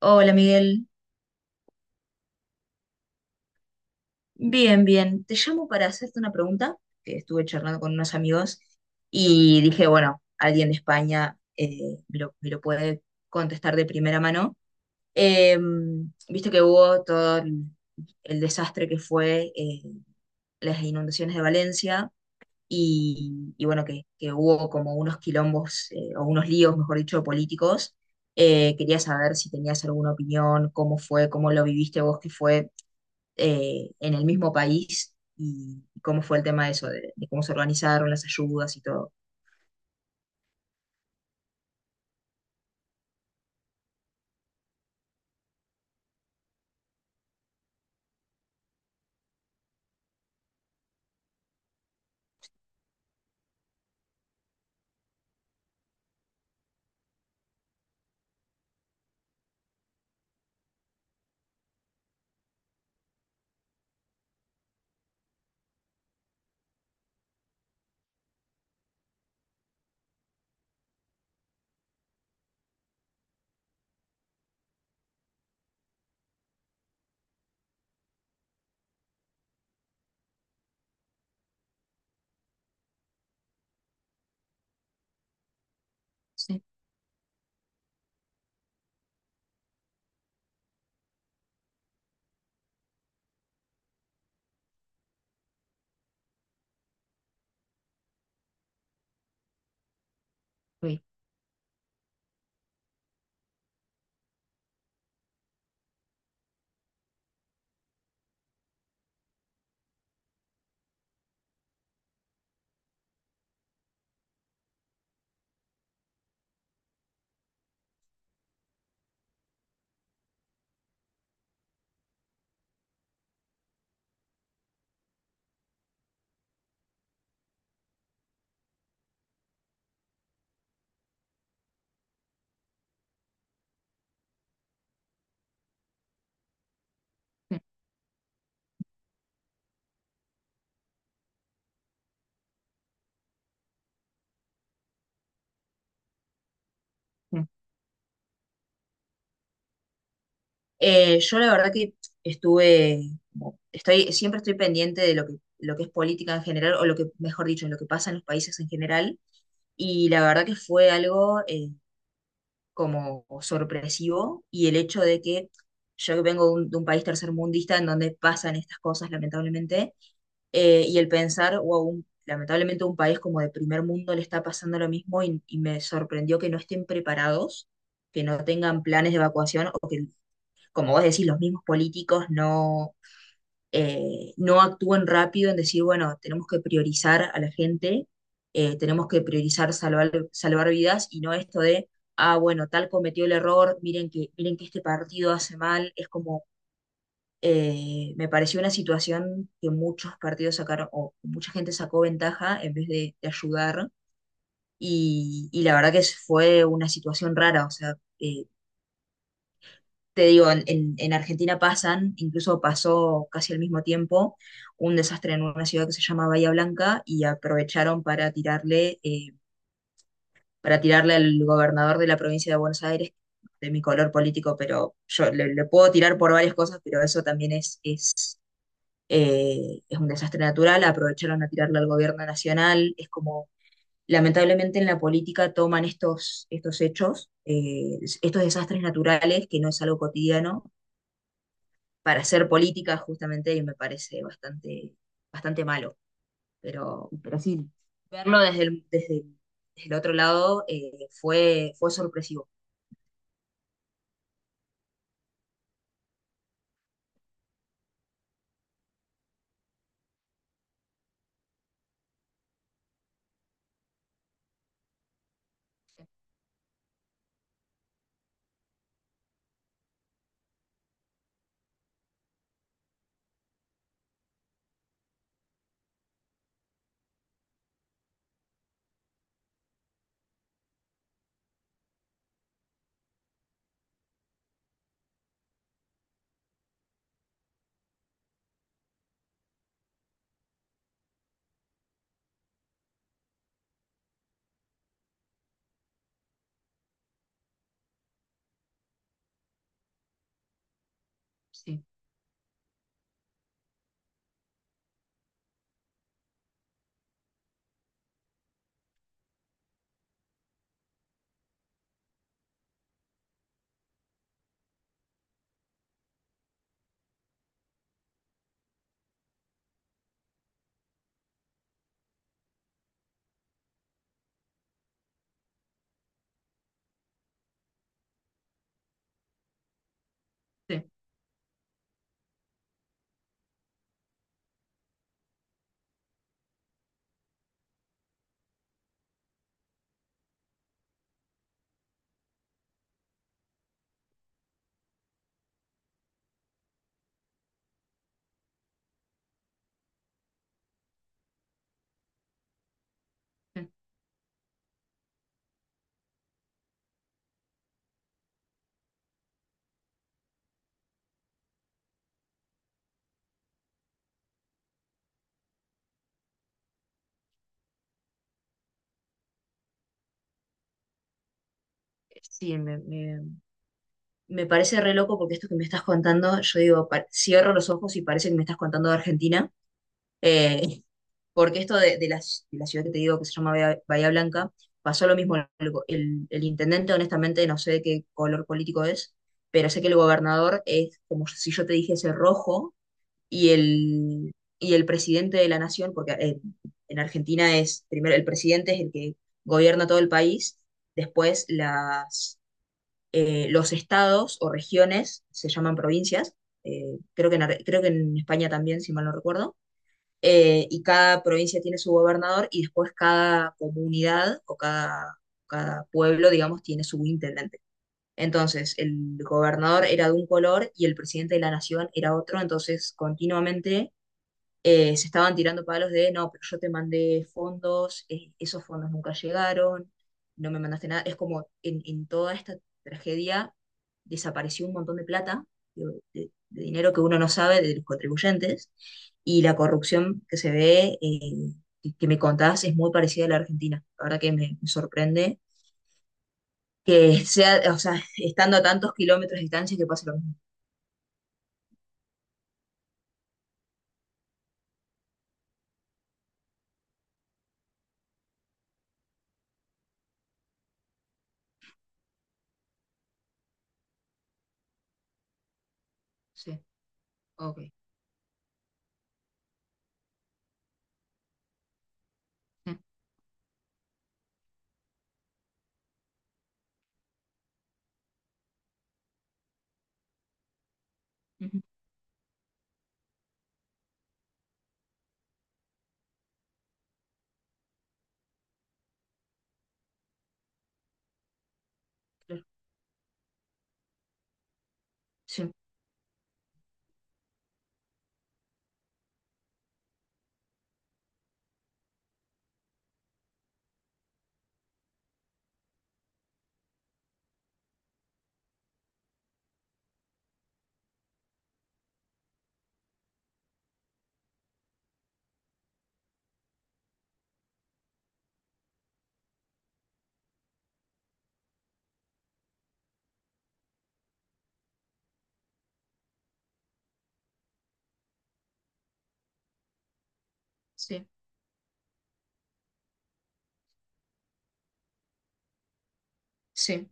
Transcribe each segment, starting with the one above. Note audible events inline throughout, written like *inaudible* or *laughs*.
Hola Miguel, bien, bien. Te llamo para hacerte una pregunta que estuve charlando con unos amigos y dije, bueno, alguien de España me lo puede contestar de primera mano. Eh, viste que hubo todo el desastre que fue las inundaciones de Valencia y bueno, que hubo como unos quilombos o unos líos, mejor dicho, políticos. Quería saber si tenías alguna opinión, cómo fue, cómo lo viviste vos, que fue en el mismo país y cómo fue el tema de eso, de cómo se organizaron las ayudas y todo. Sí, uy, mm, mm. Yo la verdad que estuve, estoy, siempre estoy pendiente de lo que es política en general, o lo que, mejor dicho, lo que pasa en los países en general, y la verdad que fue algo, como sorpresivo y el hecho de que yo que vengo de de un país tercermundista en donde pasan estas cosas, lamentablemente, y el pensar, wow, lamentablemente un país como de primer mundo le está pasando lo mismo y me sorprendió que no estén preparados, que no tengan planes de evacuación o que, como vos decís, los mismos políticos no no actúen rápido en decir, bueno, tenemos que priorizar a la gente, tenemos que priorizar salvar, salvar vidas y no esto de, ah, bueno, tal cometió el error, miren que este partido hace mal, es como, me pareció una situación que muchos partidos sacaron, o mucha gente sacó ventaja en vez de ayudar, y la verdad que fue una situación rara, o sea, te digo, en Argentina pasan, incluso pasó casi al mismo tiempo, un desastre en una ciudad que se llama Bahía Blanca y aprovecharon para tirarle al gobernador de la provincia de Buenos Aires, de mi color político, pero yo le puedo tirar por varias cosas, pero eso también es un desastre natural. Aprovecharon a tirarle al gobierno nacional, es como lamentablemente en la política toman estos hechos, estos desastres naturales, que no es algo cotidiano, para hacer política justamente y me parece bastante, bastante malo. Pero sí, verlo desde desde el otro lado fue, fue sorpresivo. Sí, sí, sí. Sí, me parece re loco porque esto que me estás contando, yo digo, cierro los ojos y parece que me estás contando de Argentina. Eh, porque esto de, de la ciudad que te digo que se llama Bahía, Bahía Blanca, pasó lo mismo. El intendente, honestamente, no sé de qué color político es, pero sé que el gobernador es como si yo te dijese rojo y el, y el presidente de la nación, porque en Argentina es primero el presidente es el que gobierna todo el país, después las, los estados o regiones se llaman provincias. Creo que creo que en España también, si mal no recuerdo y cada provincia tiene su gobernador y después cada comunidad o cada, cada pueblo, digamos, tiene su intendente. Entonces, el gobernador era de un color y el presidente de la nación era otro, entonces continuamente se estaban tirando palos de, no, pero yo te mandé fondos, esos fondos nunca llegaron, no me mandaste nada. Es como en toda esta tragedia desapareció un montón de plata, de, de dinero que uno no sabe de los contribuyentes, y la corrupción que se ve, que me contás, es muy parecida a la Argentina. La verdad que me sorprende que sea, o sea, *laughs* estando a tantos kilómetros de distancia que pase lo mismo. Sí, ok. Mm, ujú, claro. Sí, sí, sí.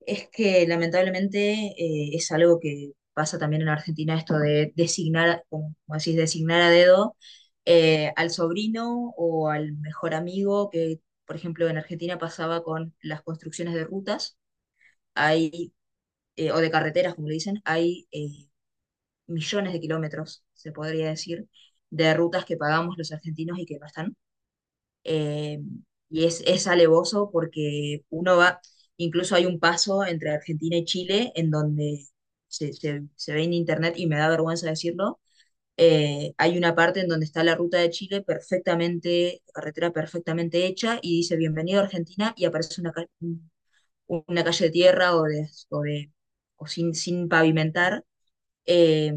Es que lamentablemente es algo que pasa también en Argentina, esto de designar, como como decís, designar a dedo al sobrino o al mejor amigo, que por ejemplo en Argentina pasaba con las construcciones de rutas, hay, o de carreteras, como le dicen, hay millones de kilómetros, se podría decir, de rutas que pagamos los argentinos y que no están eh, y es alevoso porque uno va, incluso hay un paso entre Argentina y Chile en donde se ve en internet y me da vergüenza decirlo, hay una parte en donde está la ruta de Chile perfectamente, carretera perfectamente hecha y dice bienvenido a Argentina y aparece una, una calle de tierra o de, o sin, sin pavimentar. eh,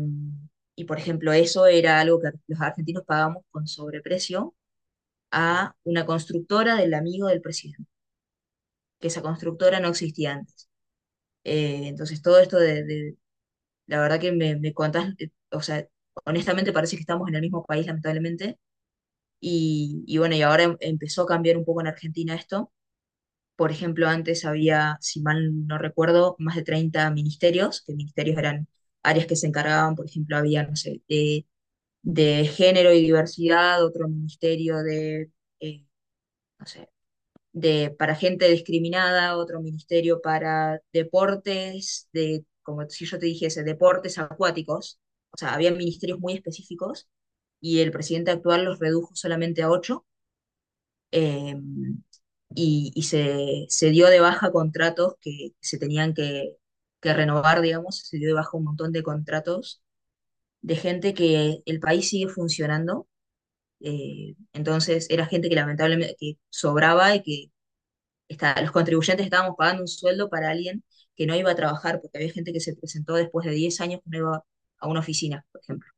y por ejemplo, eso era algo que los argentinos pagamos con sobreprecio a una constructora del amigo del presidente, que esa constructora no existía antes. Entonces todo esto la verdad que me contás, o sea, honestamente parece que estamos en el mismo país, lamentablemente, y bueno, y ahora empezó a cambiar un poco en Argentina esto. Por ejemplo, antes había, si mal no recuerdo, más de 30 ministerios, que ministerios eran áreas que se encargaban, por ejemplo, había, no sé, de género y diversidad, otro ministerio de, eh, no sé, de, para gente discriminada, otro ministerio para deportes, de, como si yo te dijese, deportes acuáticos. O sea, había ministerios muy específicos y el presidente actual los redujo solamente a 8 eh, y, se dio de baja contratos que se tenían que renovar, digamos, se dio de baja un montón de contratos de gente que el país sigue funcionando. Entonces era gente que lamentablemente que sobraba y que los contribuyentes estábamos pagando un sueldo para alguien que no iba a trabajar, porque había gente que se presentó después de 10 años que no iba a una oficina, por ejemplo.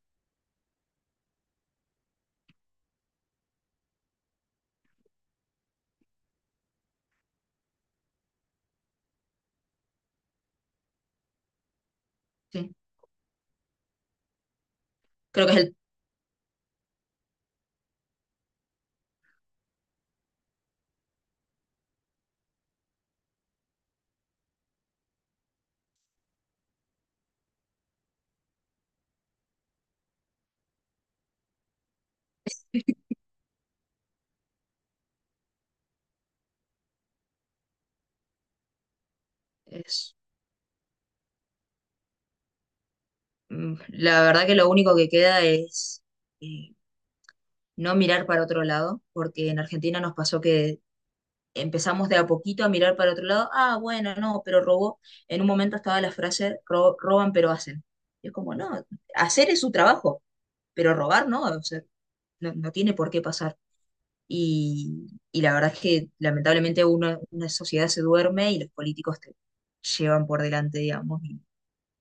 Sí. Creo que es, el, es, mm, la verdad que lo único que queda es eh, no mirar para otro lado, porque en Argentina nos pasó que empezamos de a poquito a mirar para otro lado, ah, bueno, no, pero robó. En un momento estaba la frase, roban pero hacen. Y es como, no, hacer es su trabajo, pero robar no, o sea, no tiene por qué pasar. Y la verdad es que lamentablemente uno, una sociedad se duerme y los políticos te llevan por delante, digamos,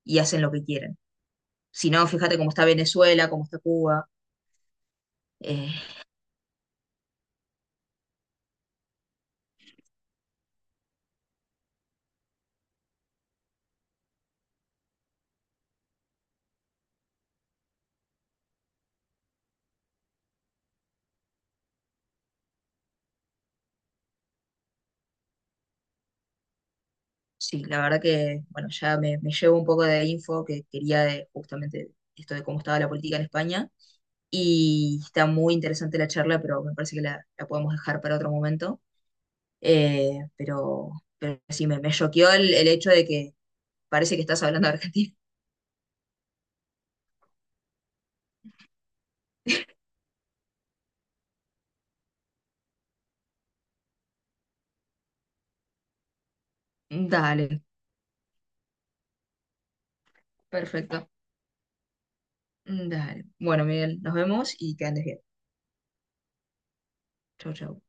y hacen lo que quieren. Si no, fíjate cómo está Venezuela, cómo está Cuba. Eh, sí, la verdad que, bueno, ya me llevo un poco de info que quería de, justamente esto de cómo estaba la política en España. Y está muy interesante la charla, pero me parece que la podemos dejar para otro momento. Eh, pero, pero sí, me choqueó el hecho de que parece que estás hablando de Argentina. *laughs* Dale. Perfecto. Mm, Dale. Bueno, Miguel, nos vemos y que andes bien. Chau, chau.